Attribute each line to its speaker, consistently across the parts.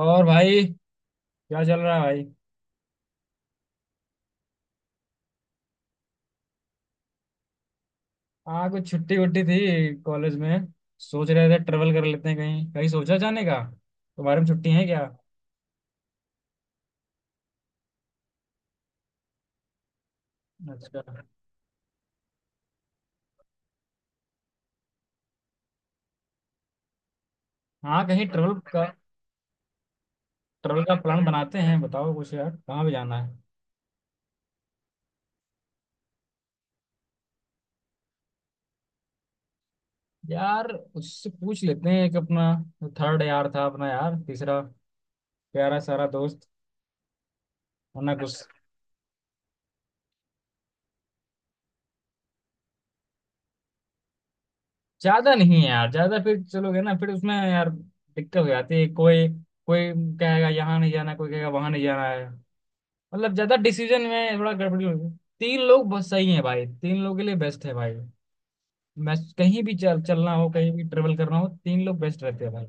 Speaker 1: और भाई, क्या चल रहा है भाई। हाँ, कुछ छुट्टी वुट्टी थी कॉलेज में। सोच रहे थे ट्रेवल कर लेते हैं, कहीं कहीं सोचा जाने का। तुम्हारे में छुट्टी है क्या? अच्छा। हाँ, कहीं ट्रेवल का। ट्रेवल का प्लान बनाते हैं, बताओ कुछ यार, कहाँ भी जाना है। यार उससे पूछ लेते हैं, एक अपना थर्ड यार था अपना, यार तीसरा प्यारा सारा दोस्त, वरना कुछ। ज्यादा नहीं है यार, ज्यादा फिर चलोगे ना फिर उसमें यार दिक्कत हो जाती है। कोई कोई कहेगा यहाँ नहीं जाना, कोई कहेगा वहां नहीं जाना है। मतलब ज्यादा डिसीजन में थोड़ा गड़बड़ी हो गई। तीन लोग बस सही है भाई, तीन लोग के लिए बेस्ट है भाई। मैं कहीं भी चल चलना हो कहीं भी ट्रेवल करना हो, तीन लोग बेस्ट रहते हैं भाई।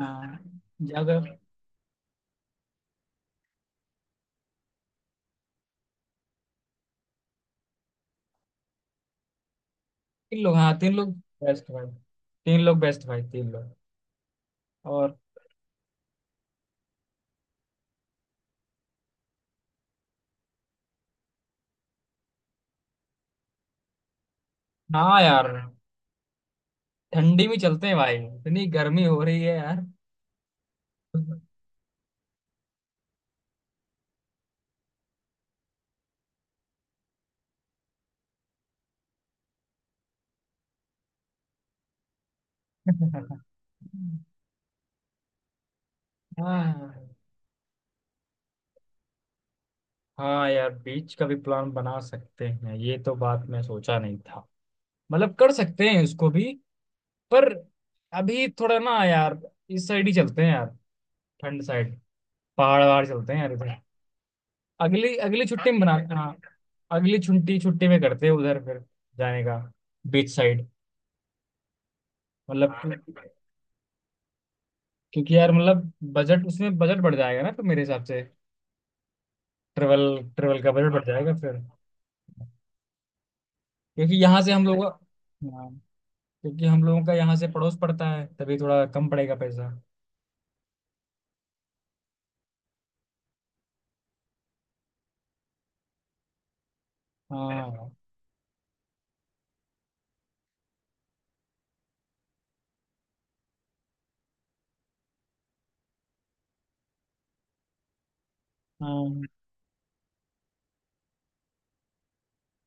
Speaker 1: हाँ, अगर तीन लोग, हाँ तीन लोग। बेस्ट भाई, तीन लोग बेस्ट भाई, तीन लोग। और हाँ यार, ठंडी में चलते हैं भाई, इतनी गर्मी हो रही है यार। हाँ। हाँ यार, बीच का भी प्लान बना सकते हैं, ये तो बात मैं सोचा नहीं था। मतलब कर सकते हैं उसको भी, पर अभी थोड़ा ना यार, इस साइड ही चलते हैं यार, ठंड साइड, पहाड़ वहाड़ चलते हैं यार इधर। अगली अगली छुट्टी में बनाते हैं। अगली छुट्टी छुट्टी में करते हैं उधर, फिर जाने का, बीच साइड। मतलब क्योंकि यार मतलब बजट उसमें बजट बढ़ जाएगा ना, तो मेरे हिसाब से। ट्रेवल ट्रेवल का बजट बढ़ जाएगा फिर। क्योंकि यहाँ से हम लोग, हाँ। क्योंकि हम लोगों का यहाँ से पड़ोस पड़ता है, तभी थोड़ा कम पड़ेगा पैसा। हाँ, हाँ,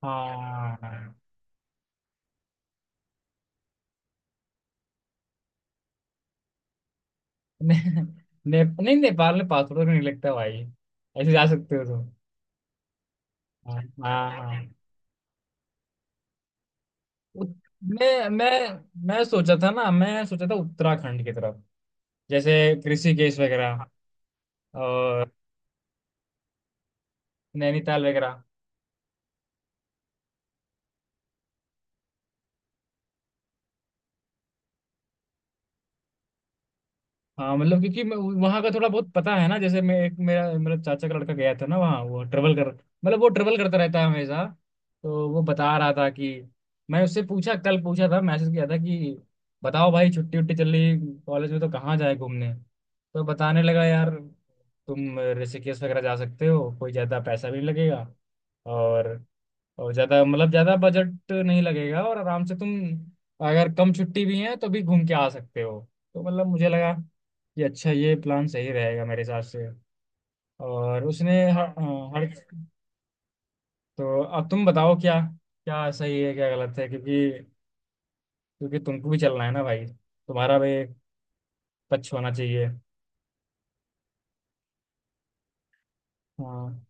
Speaker 1: हाँ। ने, नहीं, नेपाल में पासपोर्ट नहीं लगता भाई। ऐसे जा सकते हो तुम। हाँ, हाँ, हाँ। उत- मैं मैं मैं सोचा था ना, मैं सोचा था उत्तराखंड की तरफ, जैसे ऋषिकेश वगैरह और नैनीताल वगैरह। हाँ मतलब, क्योंकि वहाँ का थोड़ा बहुत पता है ना, जैसे मैं एक मेरा मेरा चाचा का लड़का गया था ना वहाँ, वो ट्रेवल कर, मतलब वो ट्रेवल करता रहता है हमेशा। तो वो बता रहा था कि, मैं उससे पूछा, कल पूछा था मैसेज किया था कि बताओ भाई, छुट्टी उट्टी चल रही कॉलेज में तो कहाँ जाए घूमने, तो बताने लगा यार, तुम ऋषिकेश वगैरह जा सकते हो, कोई ज़्यादा पैसा भी नहीं लगेगा। और ज्यादा, मतलब ज्यादा बजट नहीं लगेगा, और आराम से तुम, अगर कम छुट्टी भी है तो भी घूम के आ सकते हो। तो मतलब मुझे लगा कि अच्छा, ये प्लान सही रहेगा मेरे हिसाब से। और उसने हर, हर तो अब तुम बताओ, क्या क्या सही है, क्या गलत है, क्योंकि क्योंकि तुमको भी चलना है ना भाई, तुम्हारा भी टच होना चाहिए। हाँ,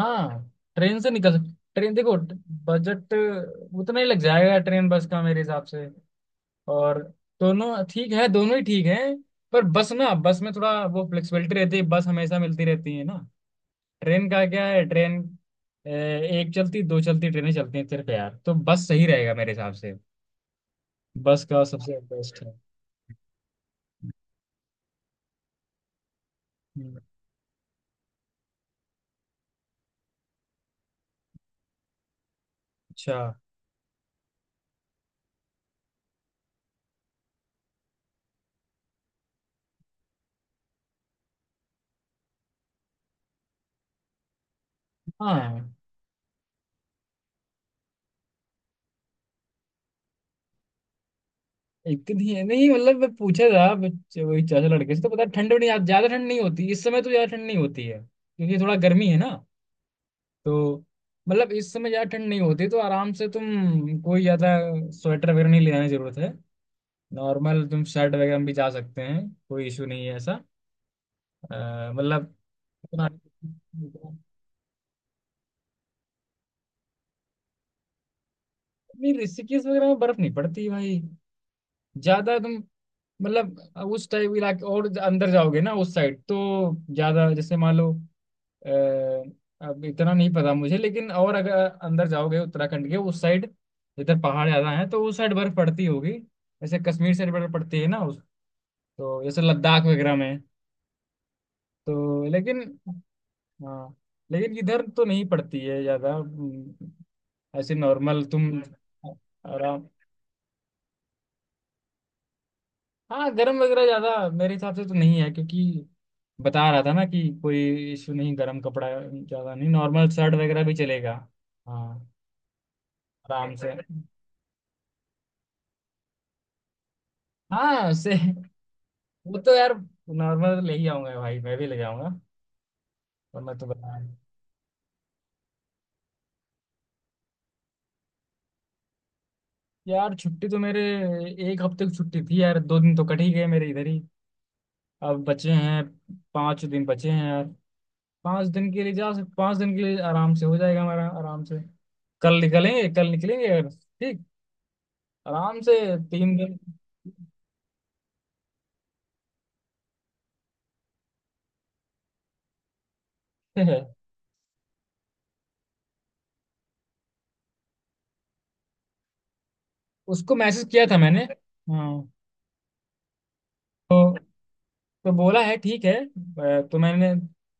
Speaker 1: हाँ। ट्रेन से निकल सक ट्रेन देखो, बजट उतना ही लग जाएगा ट्रेन बस का मेरे हिसाब से। और दोनों ठीक है, दोनों ही ठीक हैं, पर बस ना, बस में थोड़ा वो फ्लेक्सिबिलिटी रहती है, बस हमेशा मिलती रहती है ना। ट्रेन का क्या है ट्रेन? ए, एक चलती दो चलती ट्रेनें चलती हैं सिर्फ यार, तो बस सही रहेगा मेरे हिसाब से। बस का सबसे बेस्ट है। हम्म, अच्छा। हाँ, एक नहीं है, नहीं मतलब मैं पूछा था वही चाचा लड़के से, तो पता है, ठंड भी नहीं, ज्यादा ठंड नहीं होती इस समय, तो ज्यादा ठंड नहीं होती है क्योंकि थोड़ा गर्मी है ना। तो मतलब इस समय ज्यादा ठंड नहीं होती, तो आराम से तुम, कोई ज्यादा स्वेटर वगैरह नहीं ले जाने की जरूरत है। नॉर्मल तुम शर्ट वगैरह में भी जा सकते हैं, कोई इशू नहीं है ऐसा। मतलब उतना- नहीं, ऋषिकेश वगैरह में बर्फ नहीं पड़ती भाई, ज्यादा तुम, मतलब उस टाइप इलाके और अंदर जाओगे ना उस साइड, तो ज्यादा, जैसे मान लो, अ, अब इतना नहीं पता मुझे, लेकिन और अगर अंदर जाओगे उत्तराखंड के उस साइड, इधर पहाड़ ज्यादा हैं तो उस साइड बर्फ पड़ती होगी, जैसे कश्मीर साइड बर्फ पड़ती है ना उस, तो जैसे लद्दाख वगैरह में। तो लेकिन, हाँ, लेकिन इधर तो नहीं पड़ती है ज्यादा, ऐसे नॉर्मल तुम आराम। हाँ, गर्म वगैरह ज्यादा मेरे हिसाब से तो नहीं है, क्योंकि बता रहा था ना कि कोई इशू नहीं, गर्म कपड़ा ज्यादा नहीं, नॉर्मल शर्ट वगैरह भी चलेगा। हाँ, आराम से। हाँ से, वो तो यार नॉर्मल ले ही आऊंगा भाई, मैं भी ले जाऊंगा। और मैं तो बता, यार छुट्टी तो मेरे, एक हफ्ते की छुट्टी थी यार, 2 दिन तो कट ही गए मेरे इधर ही। अब बचे हैं 5 दिन, बचे हैं यार, 5 दिन के लिए जा सक 5 दिन के लिए आराम से हो जाएगा हमारा, आराम से। कल निकलेंगे, कल निकलेंगे यार, ठीक, आराम से, 3 दिन। है। उसको मैसेज किया था मैंने। हाँ, तो बोला है ठीक है, तो मैंने,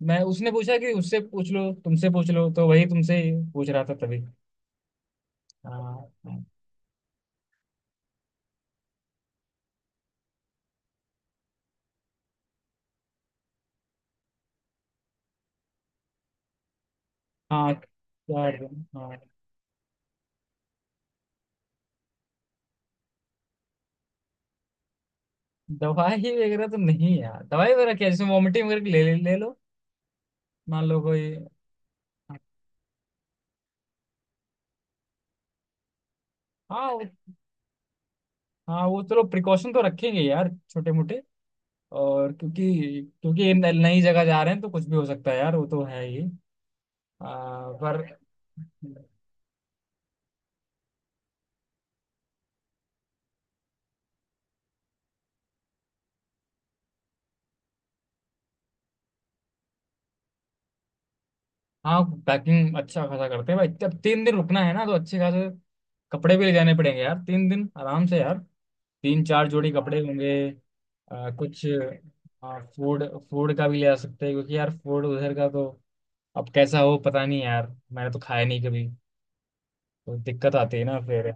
Speaker 1: मैं उसने पूछा कि उससे पूछ लो, तुमसे पूछ लो, तो वही तुमसे ही पूछ रहा था तभी। हाँ, हाँ, क्या करूं? हाँ। दवाई वगैरह तो नहीं यार, दवाई वगैरह क्या, जैसे वॉमिटिंग वगैरह की ले, ले ले लो, मान लो कोई। हाँ हाँ वो चलो, प्रिकॉशन तो रखेंगे यार, छोटे मोटे, और क्योंकि क्योंकि ये नई जगह जा रहे हैं तो कुछ भी हो सकता है यार, वो तो है ही। पर, हाँ, पैकिंग अच्छा खासा करते हैं भाई, जब 3 दिन रुकना है ना तो अच्छे खासे कपड़े भी ले जाने पड़ेंगे यार, 3 दिन आराम से यार, तीन चार जोड़ी कपड़े होंगे। कुछ फूड फूड का भी ले जा सकते हैं, क्योंकि यार फूड उधर का तो अब कैसा हो पता नहीं यार, मैंने तो खाया नहीं कभी, तो दिक्कत आती है ना फिर।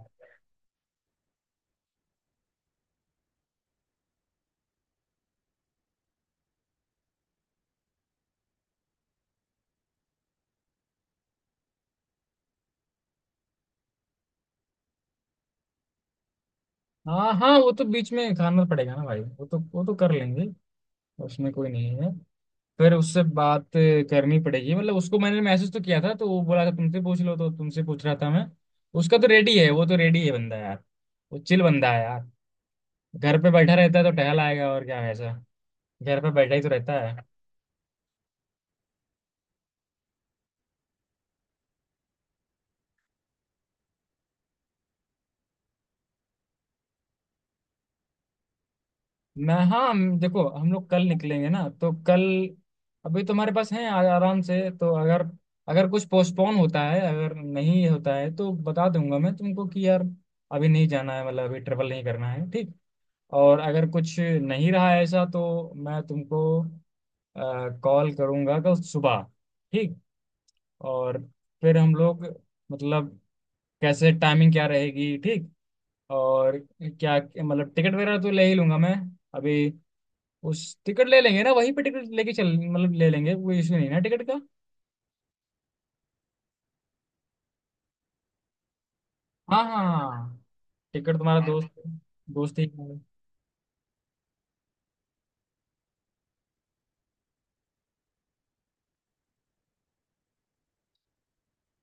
Speaker 1: हाँ, हाँ, वो तो बीच में खाना पड़ेगा ना भाई, वो तो कर लेंगे, उसमें कोई नहीं है। फिर उससे बात करनी पड़ेगी, मतलब उसको मैंने मैसेज तो किया था, तो वो बोला था तुमसे पूछ लो, तो तुमसे पूछ रहा था मैं। उसका तो रेडी है, वो तो रेडी है बंदा यार, वो चिल बंदा है यार, घर पे बैठा रहता है तो टहल आएगा, और क्या वैसा। घर पे बैठा ही तो रहता है। मैं, हाँ, देखो, हम लोग कल निकलेंगे ना, तो कल अभी तुम्हारे पास है आराम से, तो अगर अगर कुछ पोस्टपोन होता है, अगर नहीं होता है तो बता दूंगा मैं तुमको कि यार अभी नहीं जाना है, मतलब अभी ट्रेवल नहीं करना है, ठीक। और अगर कुछ नहीं रहा ऐसा, तो मैं तुमको कॉल करूँगा कल सुबह, ठीक। और फिर हम लोग, मतलब कैसे टाइमिंग क्या रहेगी, ठीक। और क्या, मतलब टिकट वगैरह तो ले ही लूँगा मैं, अभी उस टिकट ले लेंगे ना, वहीं पे टिकट लेके चल, मतलब ले लेंगे, कोई इशू नहीं ना टिकट का। हाँ, हाँ, हाँ। टिकट तुम्हारा दोस्त, दोस्त ही।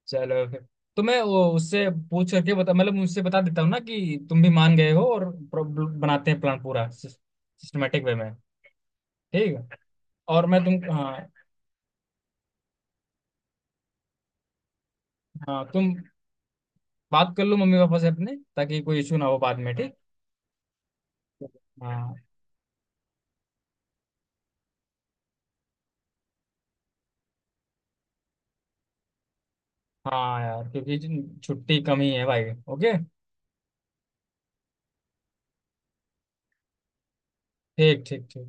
Speaker 1: चलो फिर, तो मैं वो उससे पूछ करके बता, मतलब उससे बता देता हूँ ना कि तुम भी मान गए हो, और प्रॉब्लम बनाते हैं प्लान, पूरा सिस्टमेटिक वे में। ठीक है। और मैं तुम, हाँ। हाँ तुम बात कर लो मम्मी पापा से अपने, ताकि कोई इशू ना हो बाद में, ठीक। हाँ, हाँ यार, क्योंकि छुट्टी कम ही है भाई। ओके, ठीक, ठीक, ठीक।